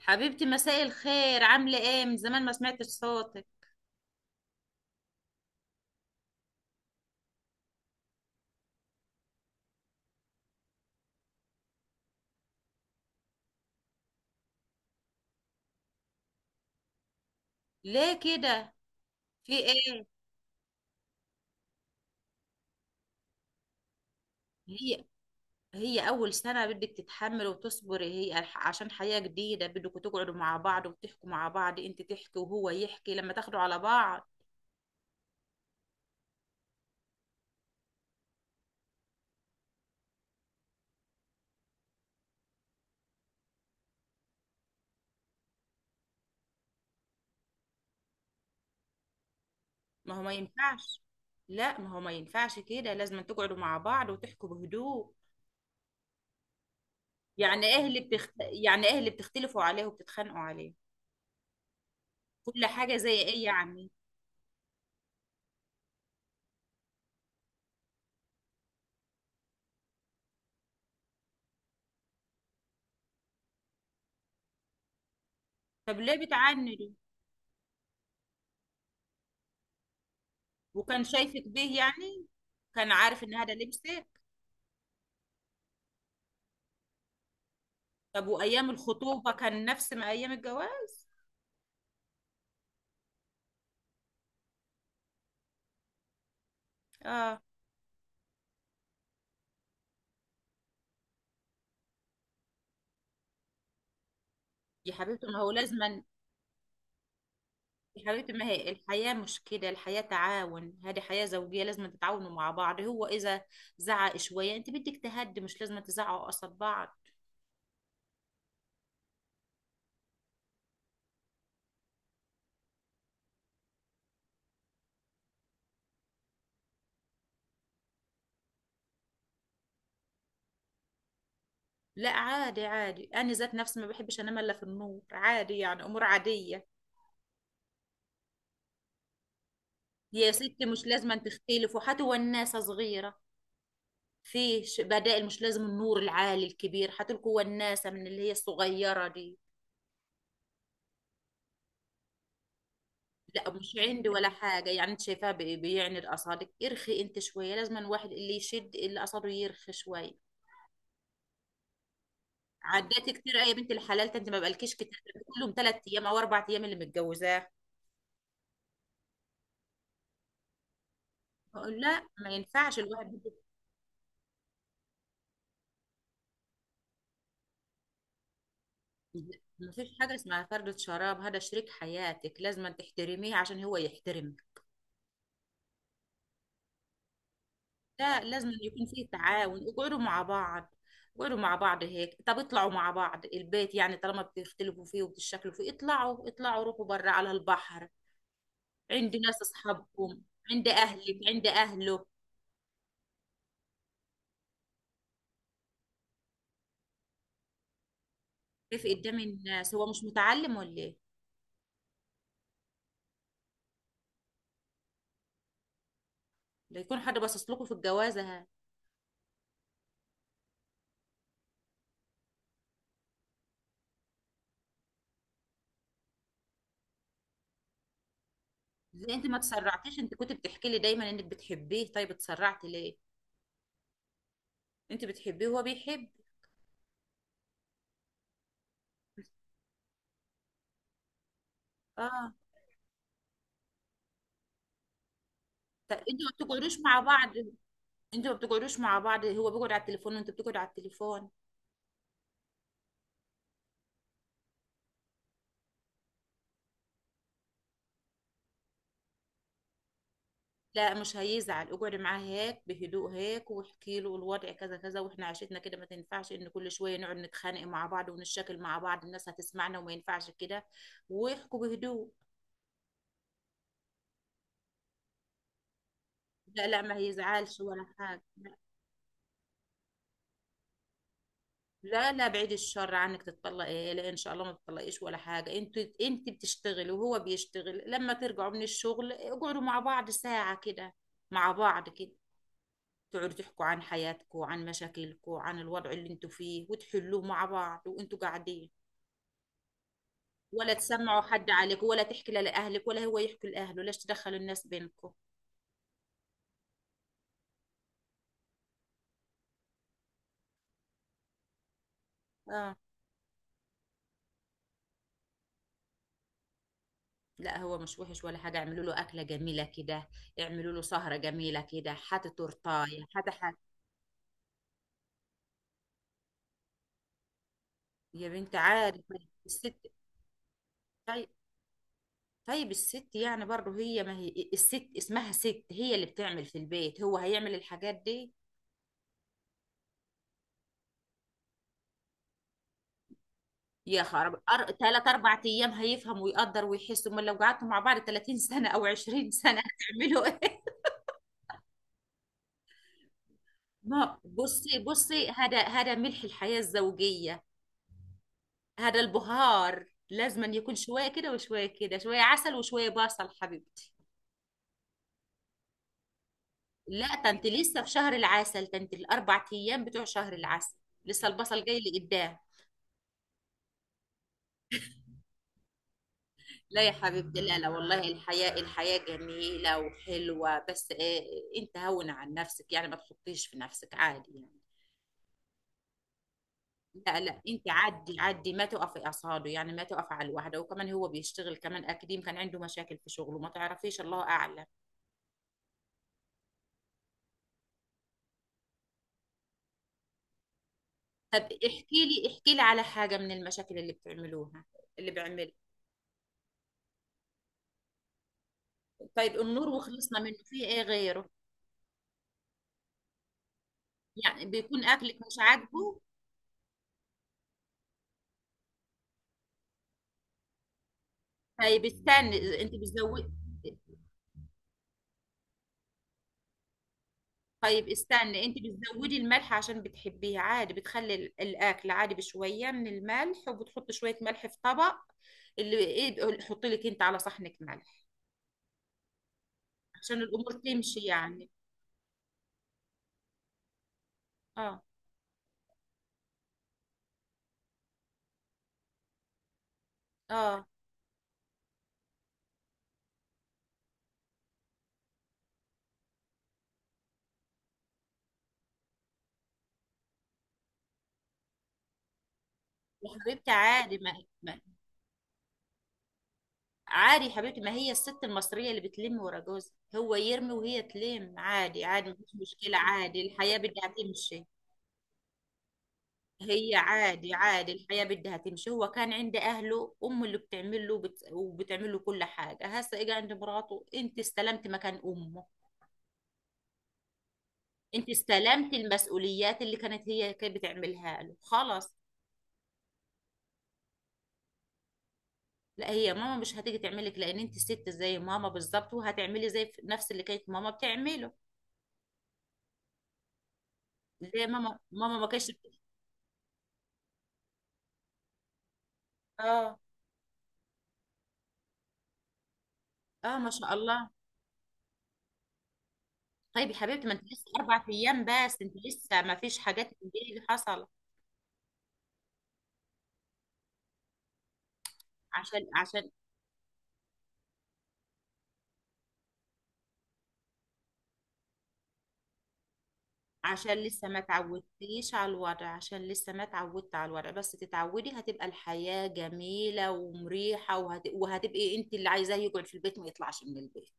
حبيبتي، مساء الخير. عاملة ايه؟ من زمان ما سمعتش صوتك. ليه كده؟ في ايه؟ هي هي اول سنة، بدك تتحمل وتصبري. هي عشان حياة جديدة، بدكوا تقعدوا مع بعض وتحكوا مع بعض، انت تحكي وهو يحكي لما تاخدوا على بعض. ما هو ما ينفعش. لا، ما هو ما ينفعش كده، لازم تقعدوا مع بعض وتحكوا بهدوء. يعني ايه اللي يعني ايه اللي بتختلفوا عليه وبتتخانقوا عليه؟ كل حاجة زي ايه يعني؟ طب ليه بتعاندوا؟ وكان شايفك بيه يعني؟ كان عارف ان هذا لبسك؟ طب وايام الخطوبه كان نفس ما ايام الجواز؟ اه. يا حبيبتي ما هو لازما. يا حبيبتي، ما هي الحياه مش كده، الحياه تعاون، هذه حياه زوجيه لازم تتعاونوا مع بعض. هو اذا زعق شويه انت بدك تهدي، مش لازم تزعقوا قصاد بعض. لا، عادي عادي، انا ذات نفسي ما بحبش انام الا في النور، عادي يعني، امور عاديه. يا ستي مش لازم تختلفوا حتى والناس صغيره. فيه بدائل، مش لازم النور العالي الكبير، حتلكوا وناسة من اللي هي الصغيرة دي. لا، مش عندي ولا حاجة، يعني انت شايفاها بيعني الأصابع، ارخي انت شوية، لازم الواحد اللي يشد اللي أصابعه يرخي شوية. عديت كتير يا بنت الحلال، انت ما بقالكيش كتير. كلهم ثلاث ايام او اربع ايام اللي متجوزاه. بقول لا، ما ينفعش الواحد. ما فيش حاجة اسمها فردة شراب، هذا شريك حياتك لازم تحترميه عشان هو يحترمك. لا، لازم يكون في تعاون، اقعدوا مع بعض. اقعدوا مع بعض هيك، طب اطلعوا مع بعض، البيت يعني طالما بتختلفوا فيه وبتشكلوا فيه، اطلعوا، اطلعوا روحوا برا على البحر، عند ناس اصحابكم، عند اهلك، عند اهله. كيف قدام الناس، هو مش متعلم ولا ايه؟ لا يكون حد باصص لكم في الجوازه، ها؟ ليه انت ما تسرعتيش؟ انت كنت بتحكي لي دايما انك بتحبيه، طيب اتسرعتي ليه؟ انت بتحبيه وهو بيحب. اه. طب انتوا ما بتقعدوش مع بعض؟ انتوا ما بتقعدوش مع بعض، هو بيقعد على التليفون وانت بتقعد على التليفون. لا، مش هيزعل، اقعدي معاه هيك بهدوء هيك واحكي له الوضع كذا كذا، واحنا عشتنا كده، ما تنفعش ان كل شويه نقعد نتخانق مع بعض ونشكل مع بعض، الناس هتسمعنا وما ينفعش كده. واحكوا بهدوء. لا لا، ما هيزعلش ولا حاجه، لا. لا لا، بعيد الشر عنك تتطلقي، لا ان شاء الله ما تتطلقيش ولا حاجه. انت انت بتشتغلي وهو بيشتغل، لما ترجعوا من الشغل اقعدوا مع بعض ساعه كده، مع بعض كده، تقعدوا تحكوا عن حياتكم، عن مشاكلكم، عن الوضع اللي انتوا فيه، وتحلوه مع بعض وانتوا قاعدين. ولا تسمعوا حد عليك، ولا تحكي لا لأهلك ولا هو يحكي لأهله، ليش تدخلوا الناس بينكم؟ اه. لا، هو مش وحش ولا حاجة، اعملوا له أكلة جميلة كده، اعملوا له سهرة جميلة كده، حتى تورتاية، حتى حاجة. يا بنت عارفة. الست. طيب. طيب الست يعني برضه هي، ما هي الست اسمها ست، هي اللي بتعمل في البيت، هو هيعمل الحاجات دي؟ يا خراب، تلات أربع أيام هيفهم ويقدر ويحس؟ أمال لو قعدتوا مع بعض 30 سنة أو 20 سنة هتعملوا إيه؟ ما بصي بصي، هذا ملح الحياة الزوجية، هذا البهار لازم أن يكون شوية كده وشوية كده، شوية عسل وشوية بصل، حبيبتي. لا، تنت لسه في شهر العسل، تنت الأربع أيام بتوع شهر العسل، لسه البصل جاي لقدام. لا يا حبيبتي، لا لا والله، الحياة جميلة وحلوة، بس إيه، أنت هون عن نفسك يعني، ما تحطيش في نفسك، عادي يعني. لا لا، انت عدي عدي، ما تقفي اصهاده يعني، ما تقفي على الواحده، وكمان هو بيشتغل، كمان اكاديم كان عنده مشاكل في شغله ما تعرفيش، الله اعلم. طب احكي لي احكي لي على حاجه من المشاكل اللي بتعملوها، اللي بيعملها. طيب النور وخلصنا منه، في ايه غيره؟ يعني بيكون اكلك مش عاجبه؟ طيب استني، انت بتزودي. طيب استني، انت بتزودي الملح عشان بتحبيه، عادي، بتخلي الاكل عادي بشويه من الملح، وبتحط شويه ملح في طبق، اللي ايه، حطي لك انت على صحنك ملح، عشان الامور تمشي يعني. اه. اه. يا حبيبتي عادي، عادي يا حبيبتي، ما هي الست المصرية اللي بتلم ورا جوزها، هو يرمي وهي تلم، عادي عادي، مفيش مشكلة، عادي، الحياة بدها تمشي. هي عادي عادي، الحياة بدها تمشي. هو كان عند أهله، أمه اللي بتعمل له وبتعمل له كل حاجة، هسه إجا عند مراته، أنت استلمت مكان أمه، أنت استلمت المسؤوليات اللي كانت هي كانت بتعملها له، خلاص. لا، هي ماما مش هتيجي تعملك، لان انت ست زي ماما بالظبط، وهتعملي زي نفس اللي كانت ماما بتعمله، زي ماما ما كانتش اه. اه، ما شاء الله. طيب يا حبيبتي، ما انت لسه اربع ايام بس، انت لسه ما فيش حاجات من دي اللي حصل. عشان عشان عشان لسه ما تعودتيش على الوضع، عشان لسه ما تعودت على الوضع، بس تتعودي هتبقى الحياة جميلة ومريحة، وهتبقي انت اللي عايزاه يقعد في البيت، ما يطلعش من البيت.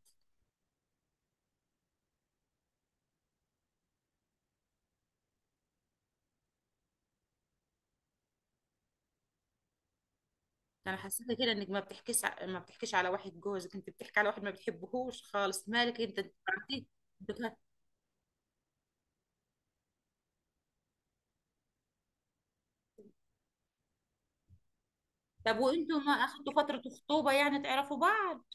انا حسيت كده انك ما بتحكيش على واحد جوزك، انت بتحكي على واحد ما بتحبهوش خالص، مالك انت، أنت عارفين. بت- طب وانتوا ما اخدتوا فترة خطوبة يعني تعرفوا بعض؟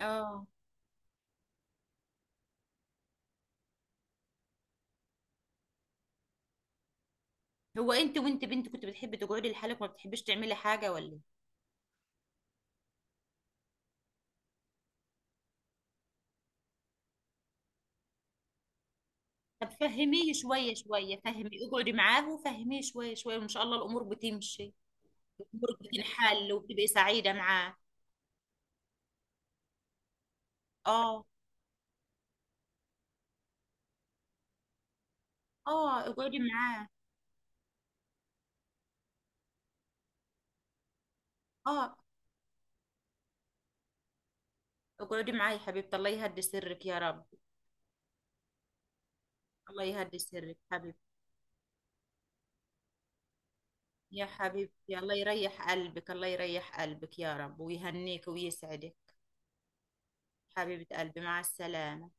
اه. هو انت وانت بنت كنت بتحبي تقعدي لحالك وما بتحبيش تعملي حاجة ولا إيه؟ طب فهميه شوية شوية، فهمي، اقعدي معاه وفهميه شوية شوية، وان شاء الله الامور بتمشي، الامور بتنحل وبتبقي سعيدة معاه. اه. اه. اقعدي معاه. اه، اقعدي معاه يا حبيبتي، الله يهدي سرك يا رب. الله يهدي سرك حبيبتي. يا حبيبتي، الله يريح قلبك، الله يريح قلبك يا رب، ويهنيك ويسعدك. حبيبة قلبي، مع السلامة.